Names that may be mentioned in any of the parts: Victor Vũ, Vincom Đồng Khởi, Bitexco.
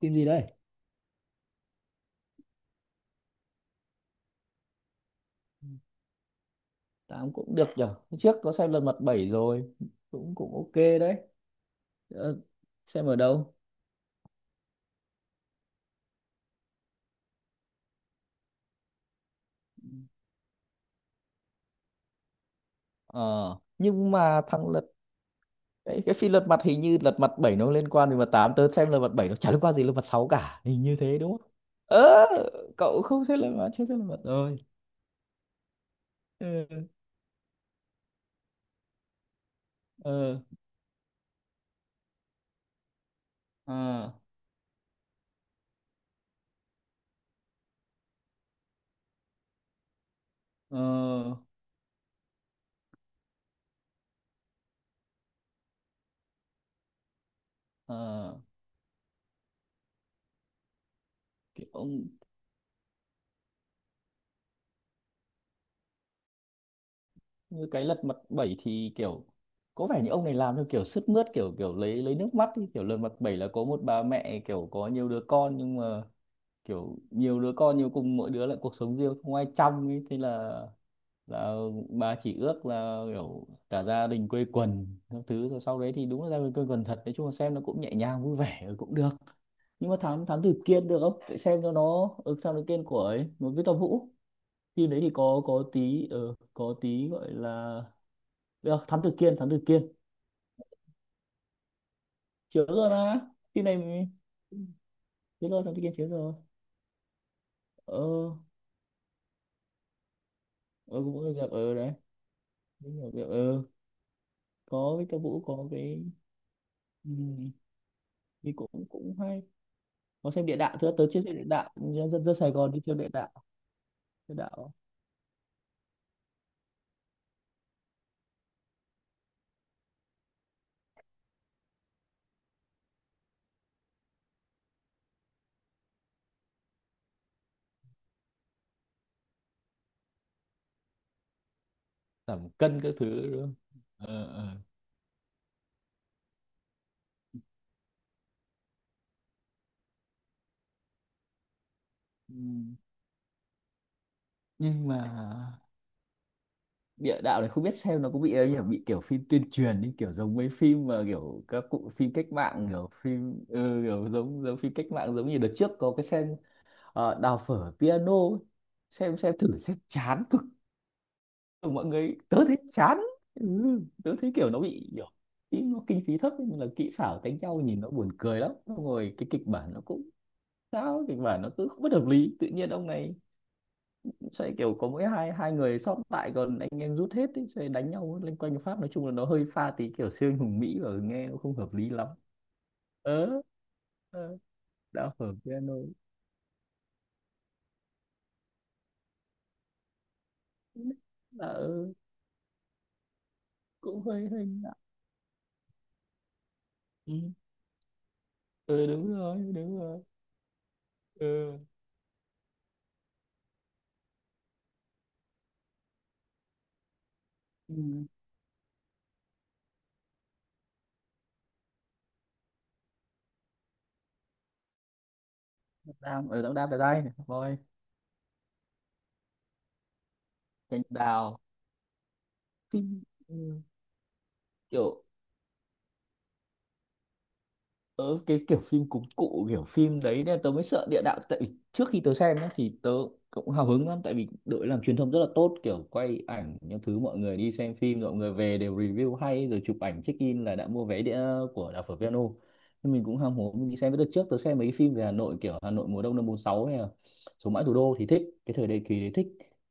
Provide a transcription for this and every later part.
Phim gì đây? Tám cũng được nhở. Hôm trước có xem lần mặt bảy rồi, cũng cũng ok đấy. Ờ, xem ở đâu? ờ nhưng mà thằng lật. Cái phim lật mặt hình như lật mặt bảy nó liên quan gì mà tám? Tớ xem lật mặt bảy nó chả liên quan gì lật mặt sáu cả, hình như thế đúng không? Ơ, cậu không xem lật mặt? Chưa, xem lật mặt rồi. Ừ, ờ ờ à, ờ ờ, kiểu như cái lật mặt bảy thì kiểu có vẻ như ông này làm theo kiểu sướt mướt, kiểu kiểu lấy nước mắt ý. Kiểu lật mặt bảy là có một bà mẹ kiểu có nhiều đứa con, nhưng mà kiểu nhiều đứa con nhiều cùng, mỗi đứa lại cuộc sống riêng không ai chăm ấy, thế là bà chỉ ước là kiểu cả gia đình quây quần các thứ, rồi sau đấy thì đúng là gia đình quây quần thật. Nói chung là xem nó cũng nhẹ nhàng vui vẻ, ừ, cũng được. Nhưng mà thám thám tử kiên được không? Để xem cho nó ừ, sao nó kiên của ấy một Victor Vũ. Phim đấy thì có tí có tí gọi là được. Thám tử kiên, thám tử kiên. Chiếu rồi mà, phim này mình- chiếu rồi, thám tử kiên chiếu rồi. Ờ. Ờ, cũng có dẹp, ờ, đấy. Cũng có dẹp, ờ, có Victor Vũ, có cái. Ừ, thì cũng cũng hay. Có xem địa đạo chưa? Tới chưa? Xem địa đạo, dân dân dân Sài Gòn đi chơi địa đạo. Địa đạo. Giảm cân các thứ đúng không? Ờ, ờ. Ừ. Nhưng mà địa đạo này không biết xem nó có bị ấy nhỉ, bị kiểu phim tuyên truyền đi, kiểu giống mấy phim mà kiểu các cụ, phim cách mạng, kiểu phim ừ, kiểu giống giống phim cách mạng, giống như đợt trước có cái xem đào phở piano ấy. Xem thử xem chán cực. Ừ, mọi người, tớ thấy chán. Ừ, tớ thấy kiểu nó bị kiểu ý nó kinh phí thấp nhưng là kỹ xảo đánh nhau nhìn nó buồn cười lắm. Xong rồi cái kịch bản nó cũng sao kịch bản nó cứ không bất hợp lý, tự nhiên ông này sẽ kiểu có mỗi hai hai người sót lại còn anh em rút hết ấy, sẽ đánh nhau lên quanh Pháp, nói chung là nó hơi pha tí kiểu siêu anh hùng Mỹ và nghe nó không hợp lý lắm. ờ ờ, đạo phở piano. Ừ, là ờ, Cũng hơi hơi lạ. Ừ. Ừ, đúng rồi, đúng rồi. Ừ. Ừ, đào, ừ, đào đào ở đây này, thôi. Cành đào. Ừ. Kiểu ờ, cái kiểu phim cúng cụ, kiểu phim đấy nên tớ mới sợ địa đạo, tại vì trước khi tớ xem nhá, thì tớ cũng hào hứng lắm tại vì đội làm truyền thông rất là tốt, kiểu quay ảnh những thứ mọi người đi xem phim, mọi người về đều review hay rồi chụp ảnh check in là đã mua vé đĩa của đảo phở piano. Nhưng mình cũng ham hố mình đi xem, với đợt trước tớ xem mấy phim về Hà Nội, kiểu Hà Nội mùa đông năm 46 hay là Sống mãi thủ đô thì thích cái thời đại kỳ đấy, thích.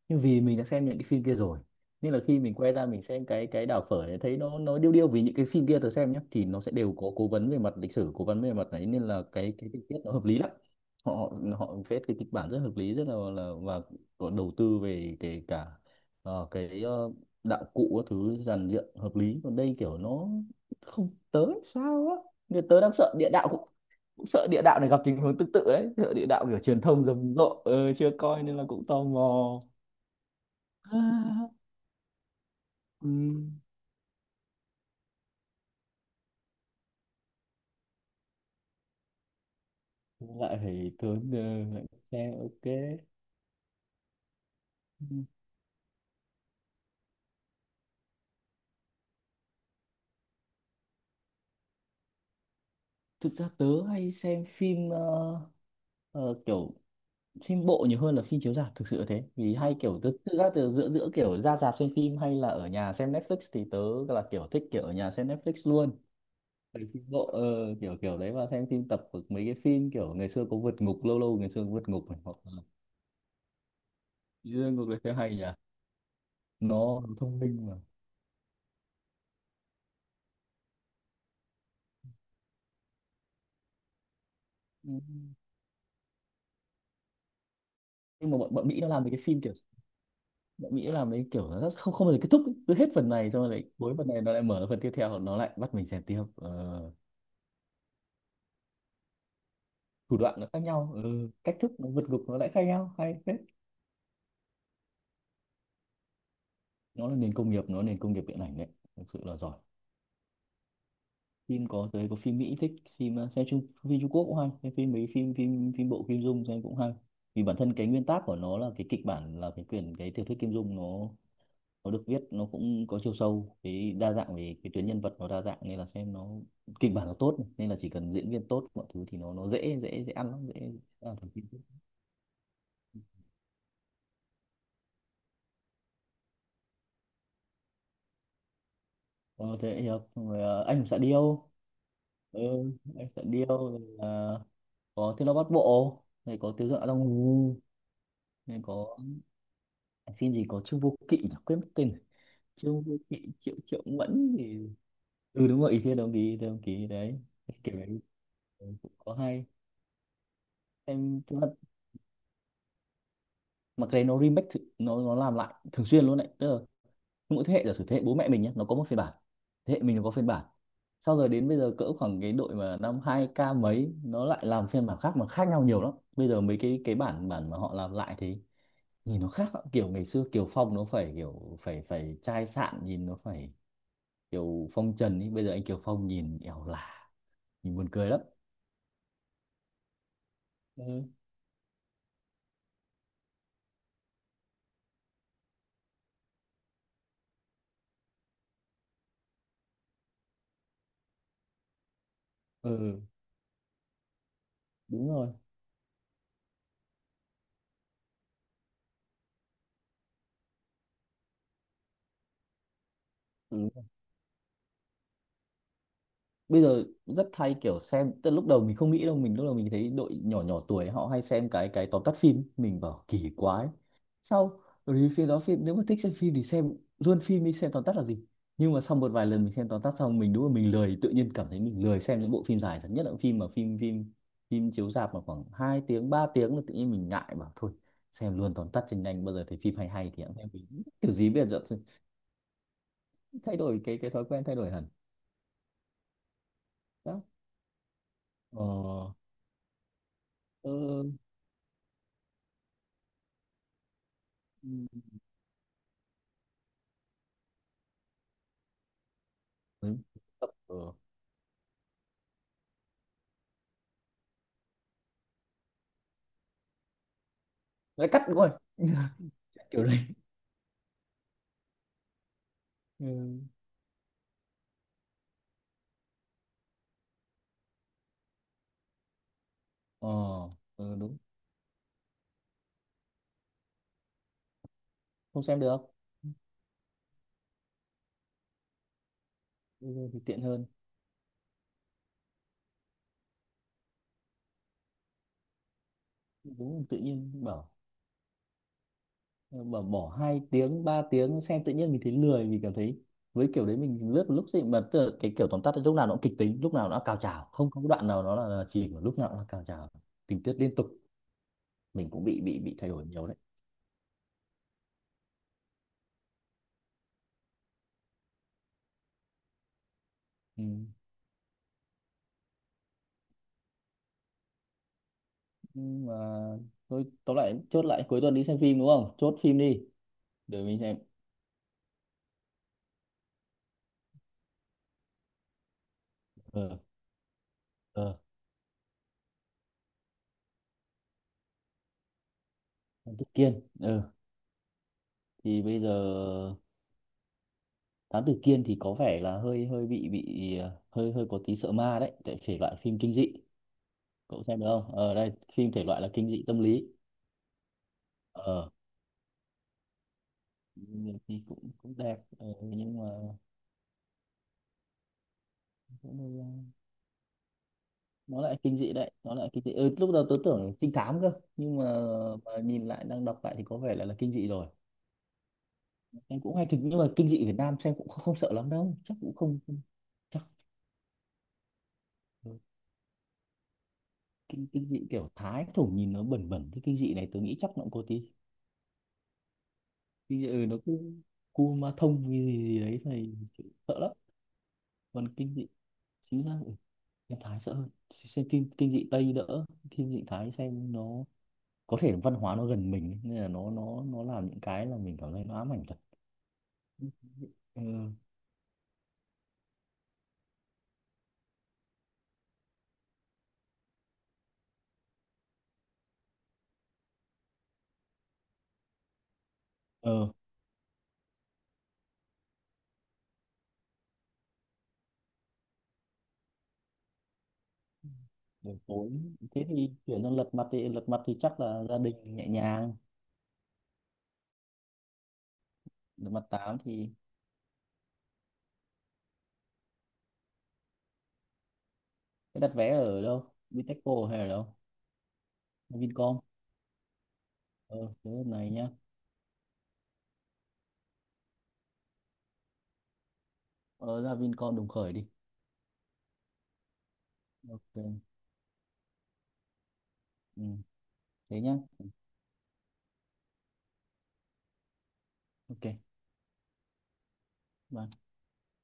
Nhưng vì mình đã xem những cái phim kia rồi nên là khi mình quay ra mình xem cái đảo phở ấy, thấy nó điêu điêu, vì những cái phim kia tớ xem nhé thì nó sẽ đều có cố vấn về mặt lịch sử, cố vấn về mặt đấy nên là cái tình tiết nó hợp lý lắm. Họ họ họ viết cái kịch bản rất hợp lý, rất là và có đầu tư về kể cả cái đạo cụ các thứ, dàn dựng hợp lý, còn đây kiểu nó không tới sao á. Nên tớ đang sợ địa đạo cũng, cũng sợ địa đạo này gặp tình huống tương tự đấy, sợ địa đạo kiểu truyền thông rầm rộ, chưa coi nên là cũng tò mò. Ừ. Lại phải tớ ờ, lại xem, ok. Thực ra tớ hay xem phim ờ, kiểu phim bộ nhiều hơn là phim chiếu rạp thực sự là thế, vì hay kiểu tớ thực ra từ giữa giữa kiểu ra rạp xem phim hay là ở nhà xem Netflix thì tớ là kiểu thích kiểu ở nhà xem Netflix luôn. Tại phim bộ kiểu kiểu đấy, và xem phim tập của mấy cái phim kiểu ngày xưa có vượt ngục, lâu lâu ngày xưa có vượt ngục này hoặc là dưới ngục đấy thấy hay nhỉ, nó thông minh mà. Ừ. Nhưng mà bọn bọn Mỹ nó làm mấy cái phim kiểu bạn nghĩ làm đấy kiểu nó rất không, không bao giờ kết thúc ấy. Cứ hết phần này xong rồi lại cuối phần này nó lại mở phần tiếp theo, nó lại bắt mình xem tiếp thủ đoạn nó khác nhau, ừ, cách thức nó vượt ngục nó lại khác nhau, hay phết. Nó là nền công nghiệp, nó là nền công nghiệp điện ảnh đấy, thực sự là giỏi. Phim có tới có phim Mỹ thích phim xem Trung, phim Trung Quốc cũng hay xem phim, mấy phim phim phim bộ Kim Dung xem cũng hay, vì bản thân cái nguyên tắc của nó là cái kịch bản là cái quyển cái tiểu thuyết Kim Dung nó được viết nó cũng có chiều sâu, cái đa dạng về cái tuyến nhân vật nó đa dạng nên là xem nó, kịch bản nó tốt nên là chỉ cần diễn viên tốt mọi thứ thì nó dễ, dễ ăn lắm, dễ làm thành phim. Ờ, thế thì, học, rồi, ờ, anh hùng điêu. Ừ, anh xạ điêu, rồi là có thiên long bát bộ này, có tiêu dọa long ngủ này, có phim gì có trương vô kỵ nhỉ, quên mất tên rồi. Trương vô kỵ, triệu triệu mẫn thì ừ đúng rồi, ý thiên đồng ý đồng ký đấy, kiểu đấy. Ừ, cũng có hay. Em thực ra mà cái đấy nó remake thử- nó làm lại thường xuyên luôn đấy, tức là mỗi thế hệ giả sử thế hệ bố mẹ mình nhé nó có một phiên bản, thế hệ mình nó có phiên bản sau, rồi đến bây giờ cỡ khoảng cái đội mà năm hai k mấy nó lại làm phiên bản khác mà khác nhau nhiều lắm. Bây giờ mấy cái bản bản mà họ làm lại thì nhìn nó khác lắm. Kiểu ngày xưa Kiều Phong nó phải kiểu phải phải chai sạn, nhìn nó phải kiểu phong trần ý, bây giờ anh Kiều Phong nhìn ẻo lả, nhìn buồn cười lắm. Ừ, ừ đúng rồi. Ừ, bây giờ rất hay kiểu xem, tức là lúc đầu mình không nghĩ đâu, mình lúc đầu mình thấy đội nhỏ nhỏ tuổi họ hay xem cái tóm tắt phim, mình bảo kỳ quái. Sau rồi phim đó, phim nếu mà thích xem phim thì xem luôn phim, đi xem tóm tắt là gì. Nhưng mà sau một vài lần mình xem tóm tắt xong, mình đúng là mình lười, tự nhiên cảm thấy mình lười xem những bộ phim dài, nhất là phim mà phim phim phim chiếu rạp mà khoảng hai tiếng 3 tiếng là tự nhiên mình ngại, bảo thôi xem luôn tóm tắt cho nhanh, bao giờ thấy phim hay hay thì hẵng xem. Mình kiểu gì bây giờ thay đổi cái thói quen, thay đổi hẳn. Đó, ờ, ừ. Ừ. Ừ. Nói cắt đúng rồi. Kiểu đấy. Ừ. Ờ, ừ, đúng không? Xem được. Ừ, thì tiện hơn, đúng, tự nhiên bảo bảo bỏ hai tiếng ba tiếng xem tự nhiên mình thấy lười, mình cảm thấy với kiểu đấy mình lướt một lúc gì mà tức là cái kiểu tóm tắt ấy, lúc nào nó cũng kịch tính, lúc nào nó cao trào, không có đoạn nào nó là chỉ mà lúc nào nó là cao trào, tình tiết liên tục. Mình cũng bị thay đổi nhiều đấy. Ừ. Nhưng mà thôi tóm lại chốt lại cuối tuần đi xem phim, đúng không, chốt phim đi để mình xem. Ờ. Ờ. Thám tử Kiên, ừ. Thì bây giờ Thám tử Kiên thì có vẻ là hơi hơi bị hơi hơi có tí sợ ma đấy tại thể loại phim kinh dị. Cậu xem được không, ở đây phim thể loại là kinh dị tâm lý. Ờ, nhiều khi cũng cũng đẹp ờ, nhưng mà cũng hơi, ờ, nó lại kinh dị đấy, nó lại kinh dị, ừ, lúc đầu tớ tưởng trinh thám cơ, nhưng mà nhìn lại đang đọc lại thì có vẻ là kinh dị rồi. Em cũng hay thực, nhưng mà kinh dị Việt Nam xem cũng không, không sợ lắm đâu, chắc cũng không không- chắc. Ừ. kinh kinh dị kiểu Thái thổ nhìn nó bẩn bẩn thế, kinh dị này tôi nghĩ chắc nó cũng có tí kinh dị, ừ, nó cứ cua ma thông cái gì gì đấy này, sợ lắm. Còn kinh dị chính ra ừ, em Thái sợ hơn, xem kinh kinh dị Tây đỡ, kinh dị Thái xem nó có thể văn hóa nó gần mình ấy, nên là nó làm những cái là mình cảm thấy nó ám ảnh thật. Ừ. ờ Buổi tối thế thì chuyển sang lật mặt, thì lật mặt thì chắc là gia đình nhẹ nhàng. Lật mặt tám thì thế đặt vé ở đâu, Bitexco hay ở đâu, Vincom? Ờ, thế này nhá, ờ, ra Vincom Đồng Khởi đi. Ok. Ừ, thế nhá. Ok. Bye.